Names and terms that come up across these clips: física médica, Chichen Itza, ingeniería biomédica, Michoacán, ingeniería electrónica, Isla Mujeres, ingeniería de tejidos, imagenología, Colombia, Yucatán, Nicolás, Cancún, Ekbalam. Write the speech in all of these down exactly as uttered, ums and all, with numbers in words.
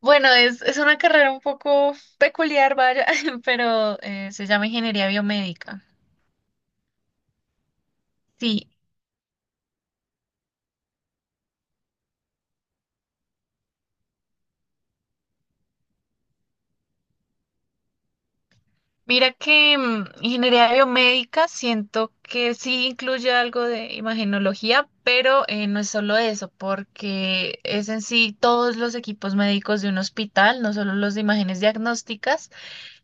Bueno, es, es una carrera un poco peculiar, vaya, pero eh, se llama ingeniería biomédica. Sí, mira que mm, ingeniería biomédica siento que sí incluye algo de imagenología, pero eh, no es solo eso, porque es en sí todos los equipos médicos de un hospital, no solo los de imágenes diagnósticas.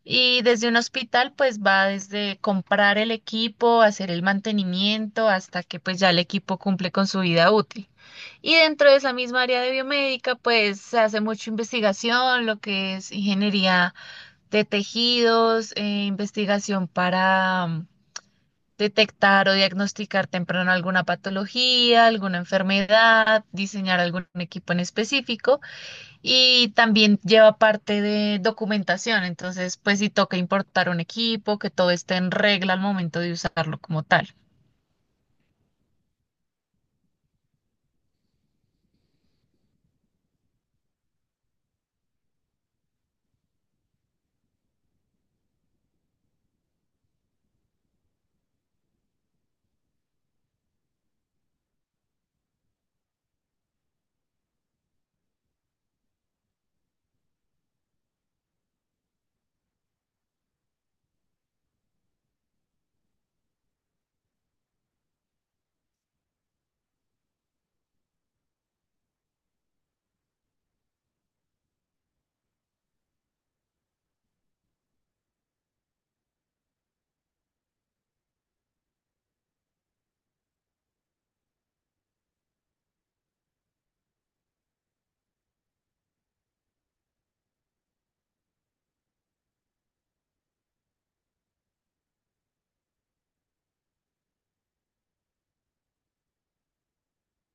Y desde un hospital, pues va desde comprar el equipo, hacer el mantenimiento, hasta que pues ya el equipo cumple con su vida útil. Y dentro de esa misma área de biomédica, pues se hace mucha investigación, lo que es ingeniería de tejidos, eh, investigación para mm, detectar o diagnosticar temprano alguna patología, alguna enfermedad, diseñar algún equipo en específico y también lleva parte de documentación. Entonces, pues si toca importar un equipo, que todo esté en regla al momento de usarlo como tal.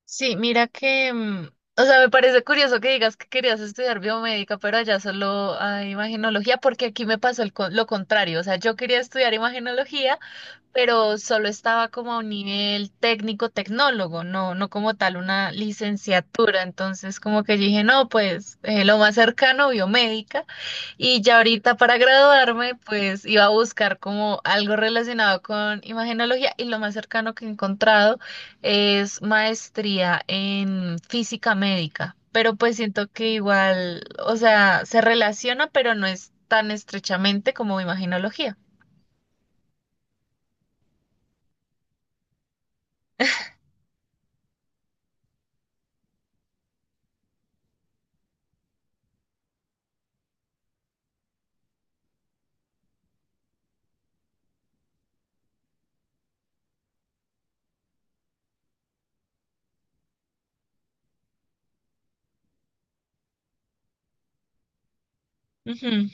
Sí, mira que, mm, o sea, me parece curioso que digas que querías estudiar biomédica, pero allá solo hay imagenología, porque aquí me pasó el con- lo contrario, o sea, yo quería estudiar imagenología, pero solo estaba como a un nivel técnico-tecnólogo, no, no como tal una licenciatura, entonces como que yo dije, no, pues eh, lo más cercano, biomédica, y ya ahorita para graduarme, pues iba a buscar como algo relacionado con imagenología, y lo más cercano que he encontrado es maestría en física médica, pero pues siento que igual, o sea, se relaciona, pero no es tan estrechamente como imaginología. Ujú.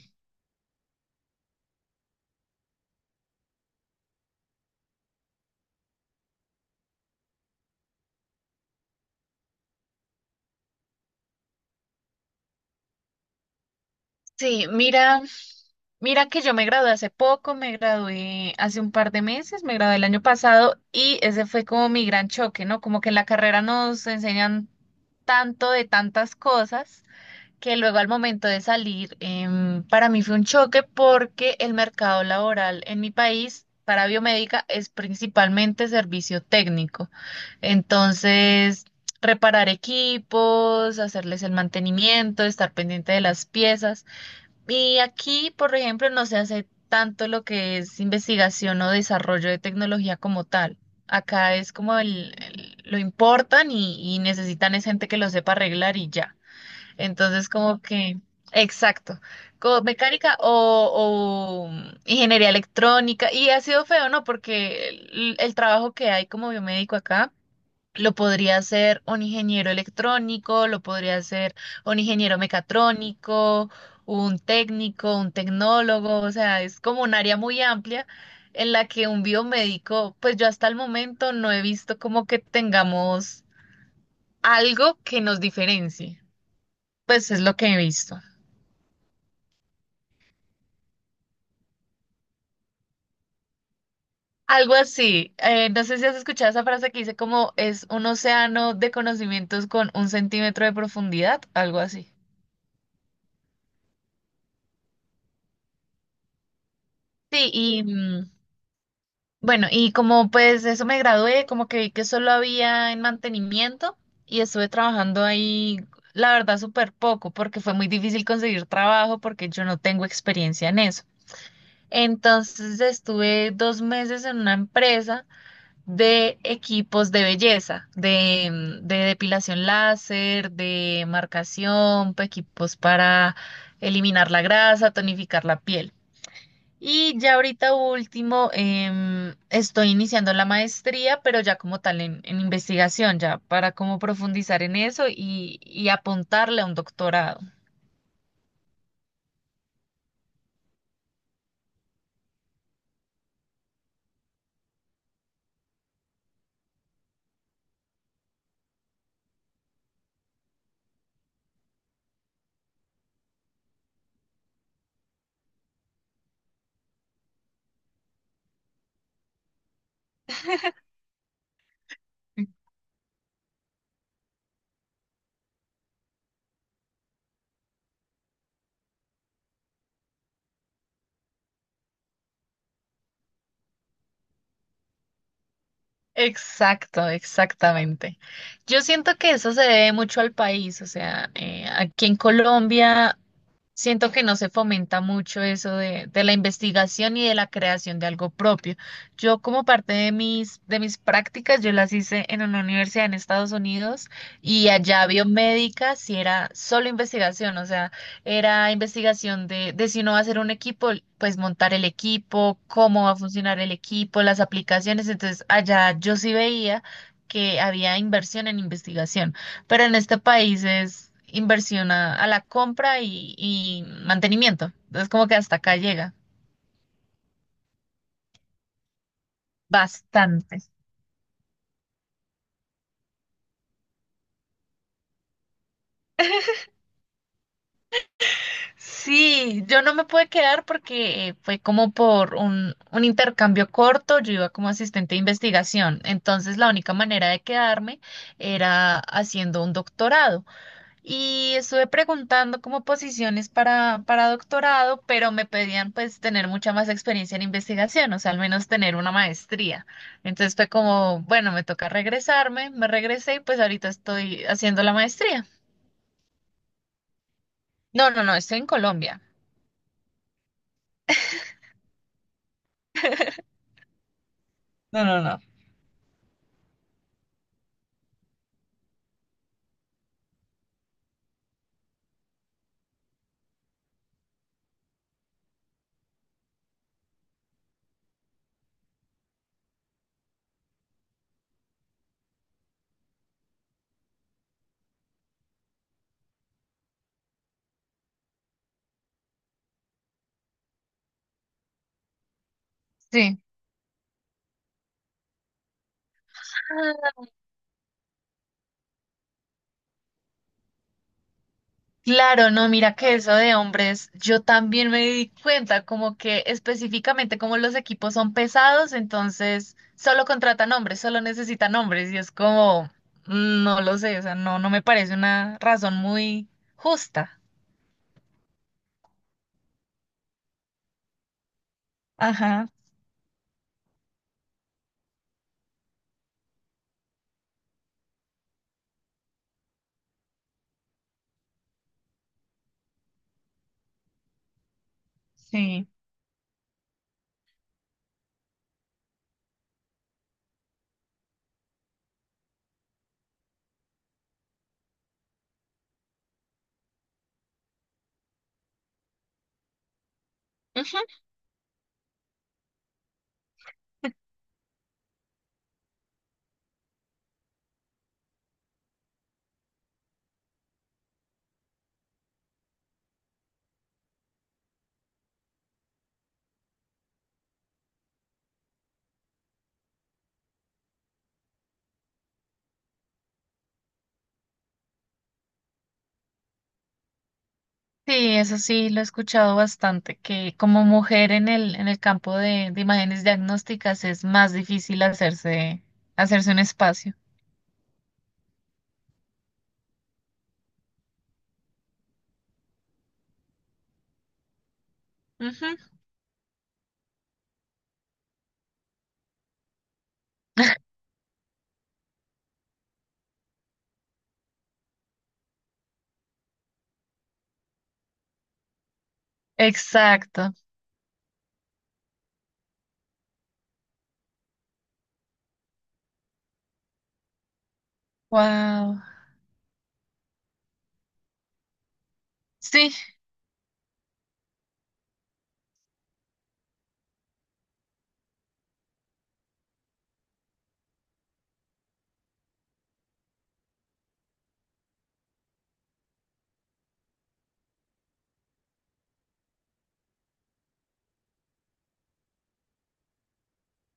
Sí, mira, mira que yo me gradué hace poco, me gradué hace un par de meses, me gradué el año pasado y ese fue como mi gran choque, ¿no? Como que en la carrera nos enseñan tanto de tantas cosas que luego al momento de salir, em, para mí fue un choque porque el mercado laboral en mi país para biomédica es principalmente servicio técnico. Entonces, reparar equipos, hacerles el mantenimiento, estar pendiente de las piezas. Y aquí, por ejemplo, no se hace tanto lo que es investigación o desarrollo de tecnología como tal. Acá es como el- el- lo importan y, y necesitan es gente que lo sepa arreglar y ya. Entonces, como que, exacto, como mecánica o, o, mm, ingeniería electrónica. Y ha sido feo, ¿no? Porque el, el trabajo que hay como biomédico acá lo podría hacer un ingeniero electrónico, lo podría hacer un ingeniero mecatrónico, un técnico, un tecnólogo. O sea, es como un área muy amplia en la que un biomédico, pues yo hasta el momento no he visto como que tengamos algo que nos diferencie. Pues es lo que he visto. Algo así. Eh, no sé si has escuchado esa frase que dice como es un océano de conocimientos con un centímetro de profundidad, algo así. Sí, y mm, bueno, y como pues eso me gradué, como que vi que solo había en mantenimiento y estuve trabajando ahí, la verdad, súper poco, porque fue muy difícil conseguir trabajo porque yo no tengo experiencia en eso. Entonces estuve dos meses en una empresa de equipos de belleza, de, mm, de depilación láser, de marcación, pa- equipos para eliminar la grasa, tonificar la piel. Y ya ahorita último, em, estoy iniciando la maestría, pero ya como tal en, en investigación, ya para como profundizar en eso y, y apuntarle a un doctorado. Exacto, exactamente. Yo siento que eso se debe mucho al país, o sea, eh, aquí en Colombia siento que no se fomenta mucho eso de, de la investigación y de la creación de algo propio. Yo como parte de mis, de mis prácticas, yo las hice en una universidad en Estados Unidos y allá biomédica si era solo investigación, o sea, era investigación de, de si uno va a hacer un equipo, pues montar el equipo, cómo va a funcionar el equipo, las aplicaciones. Entonces allá yo sí veía que había inversión en investigación. Pero en este país es inversión a, a la compra y, y mantenimiento. Entonces como que hasta acá llega. Bastante. Sí, yo no me pude quedar porque eh, fue como por un, un intercambio corto, yo iba como asistente de investigación, entonces la única manera de quedarme era haciendo un doctorado. Y estuve preguntando como posiciones para, para doctorado, pero me pedían pues tener mucha más experiencia en investigación, o sea, al menos tener una maestría. Entonces fue como, bueno, me toca regresarme, me regresé y pues ahorita estoy haciendo la maestría. No, no, no, estoy en Colombia. No, no, no. Sí. Claro, no, mira que eso de hombres, yo también me di cuenta, como que específicamente como los equipos son pesados, entonces solo contratan hombres, solo necesitan hombres, y es como, mm, no lo sé, o sea, no, no me parece una razón muy justa. Ajá, sí. Ujú. Sí, eso sí, lo he escuchado bastante, que como mujer en el, en el campo de, de imágenes diagnósticas es más difícil hacerse, hacerse un espacio. Ujú. Exacto. Wow. Sí,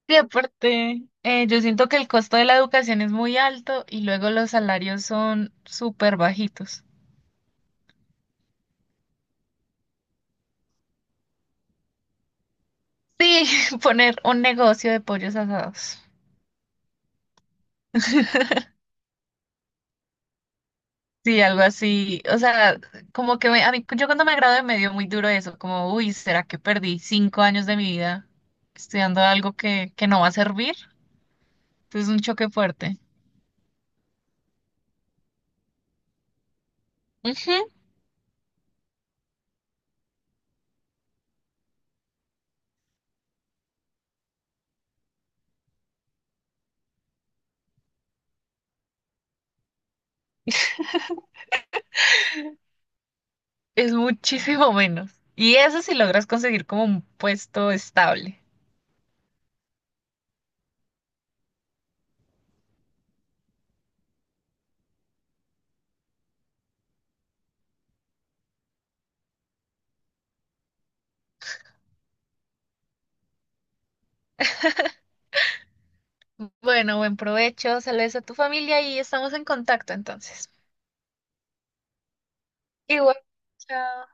y aparte, eh, yo siento que el costo de la educación es muy alto y luego los salarios son súper bajitos. Sí, poner un negocio de pollos asados. Sí, algo así. O sea, como que me- a mí, yo cuando me gradué me dio muy duro eso, como, uy, ¿será que perdí cinco años de mi vida estudiando algo que, que no va a servir? Entonces es un choque fuerte. Ujú. Es muchísimo menos. Y eso si logras conseguir como un puesto estable. Bueno, buen provecho, saludos a tu familia y estamos en contacto entonces. Igual, chao.